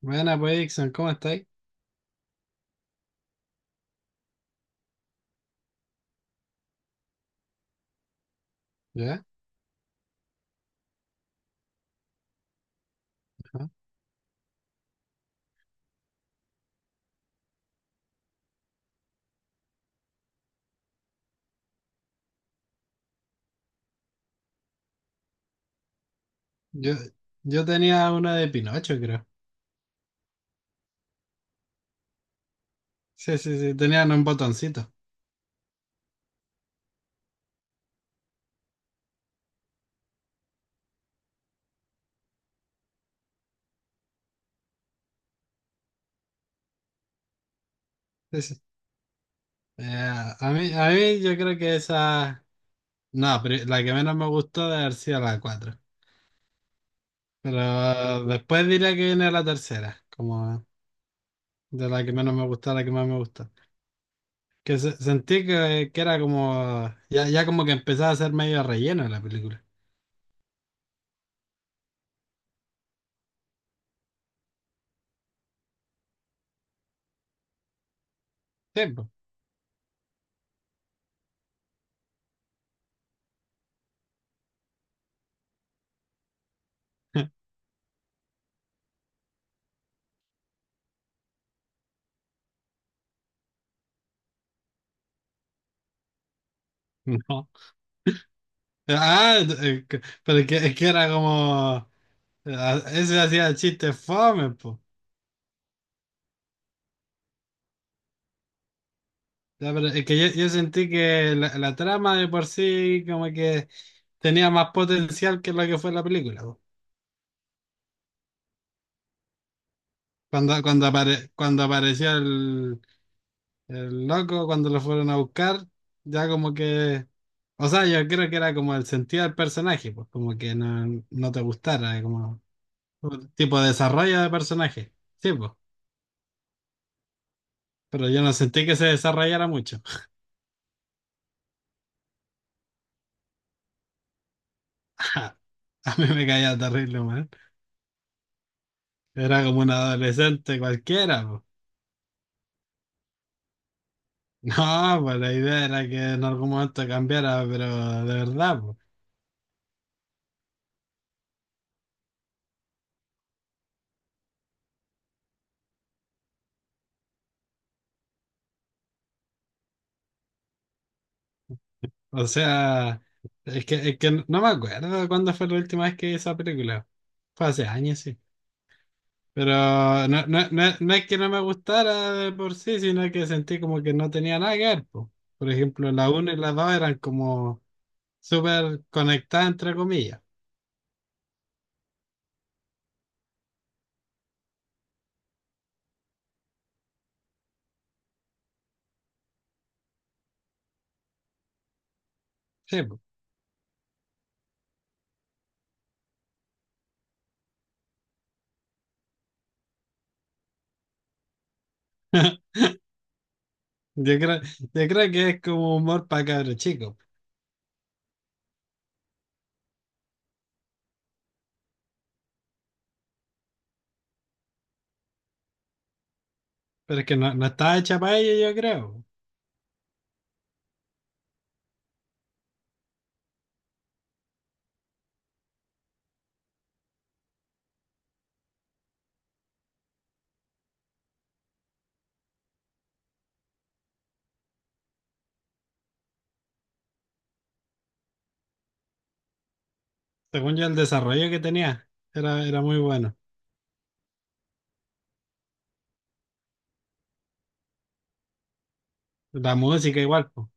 Buena, pues, Dixon, ¿cómo estáis? ¿Ya? Ajá. Yo, yo tenía una de Pinocho, creo. Sí, sí, sí, tenían un botoncito. Sí, sí. Eh, a mí yo creo que esa... No, pero la que menos me gustó debe haber sido la cuatro. Pero después diría que viene la tercera, como de la que menos me gustó a la que más me gustó. Que sentí que, era como... Ya, ya como que empezaba a ser medio relleno la película. Sí, po. No. Ah, pero es que era como... Ah, ese hacía el chiste fome, po. Ya, pero es que yo sentí que la trama de por sí como que tenía más potencial que lo que fue la película, po. Cuando apareció el loco, cuando lo fueron a buscar, ya como que... O sea, yo creo que era como el sentido del personaje, pues como que no te gustara, como un tipo de desarrollo de personaje. Sí, pues. Pero yo no sentí que se desarrollara mucho. A mí me caía terrible. Era como un adolescente cualquiera, po. No, pues la idea era que en algún momento cambiara, pero de verdad, po. O sea, es que no me acuerdo cuándo fue la última vez que vi esa película. Fue hace años, sí. Pero no, no es que no me gustara de por sí, sino que sentí como que no tenía nada que ver, po. Por ejemplo, la 1 y la 2 eran como súper conectadas, entre comillas. Sí, po. Yo creo, yo creo que es como humor para cabros chicos. Pero es que no estaba hecha para ello, yo creo. Según yo, el desarrollo que tenía era muy bueno. La música igual, pues.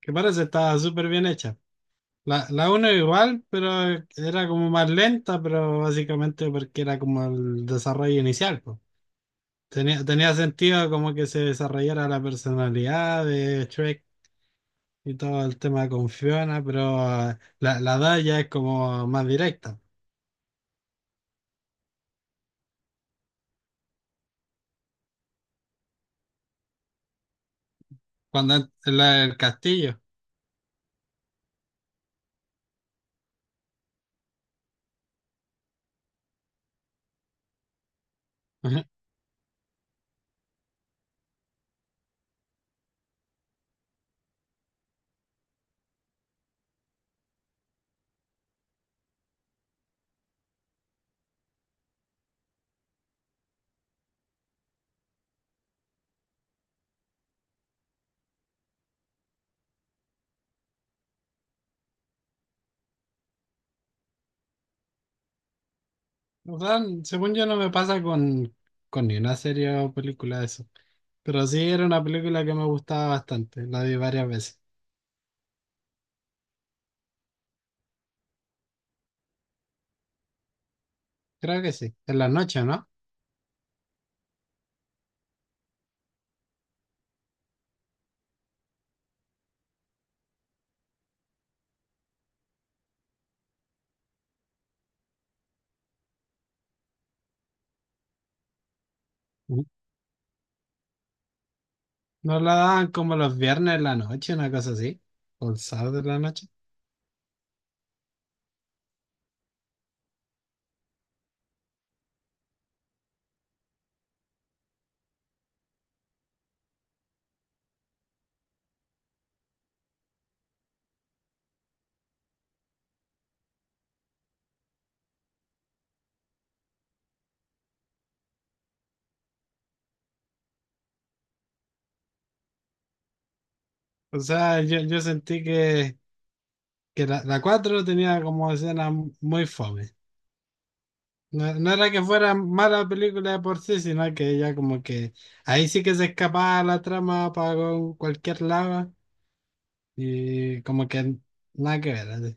Que parece estaba súper bien hecha. La uno igual, pero era como más lenta, pero básicamente porque era como el desarrollo inicial, pues. Tenía sentido como que se desarrollara la personalidad de Shrek y todo el tema con Fiona, pero la dos ya es como más directa. Cuando en la del castillo. O sea, según yo no me pasa con ni una serie o película de eso. Pero sí era una película que me gustaba bastante. La vi varias veces. Creo que sí. En la noche, ¿no? Ujú. Nos la daban como los viernes en la noche, una cosa así. O el sábado en la noche. O sea, yo sentí que la 4 tenía como escena muy fome. No, no era que fuera mala película de por sí, sino que ella como que ahí sí que se escapaba la trama para cualquier lado. Y como que nada que ver, así.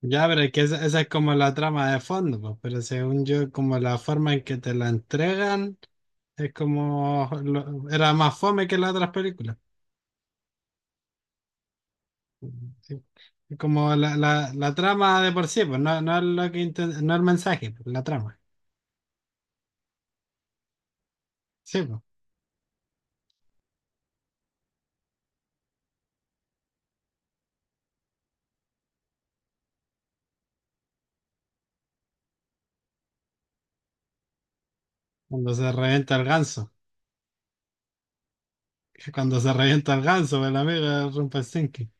Ya, pero es que esa es como la trama de fondo, pues, pero según yo, como la forma en que te la entregan, es como era más fome que las otras películas. Sí. Es como la trama de por sí, pues no, es lo que no el mensaje, pues, la trama. Sí, pues. Cuando se revienta el ganso. Cuando se revienta el ganso, pues, el amigo de Rumpelstiltskin.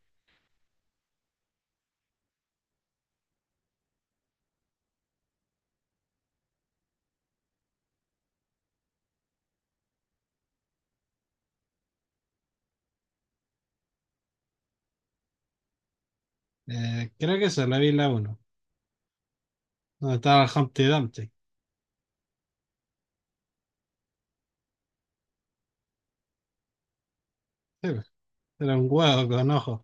Creo que eso, la vi la uno. Donde estaba el Humpty Dumpty. Sí, pues. Era un huevo con ojos.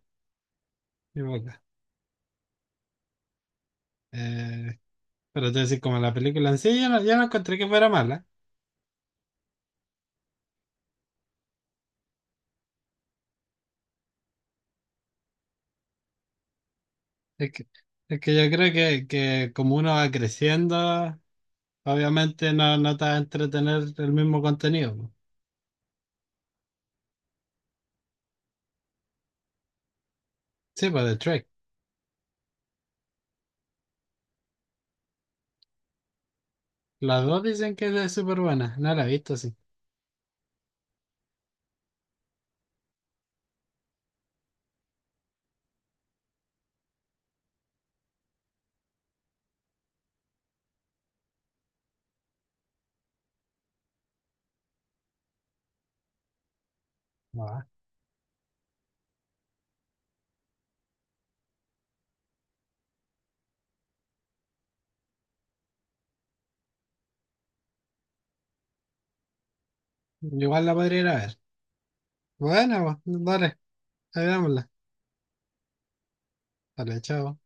Eh, pero te decir, como la película en sí, yo no encontré que fuera mala. Es que, es que yo creo que, como uno va creciendo, obviamente no te va a entretener el mismo contenido, po. Sí, pues de Trek. Las dos dicen que es súper buena. No la he visto, sí. Ah, igual la podría ir a ver. Bueno, pues, dale, ahí dámosla. Dale, chao.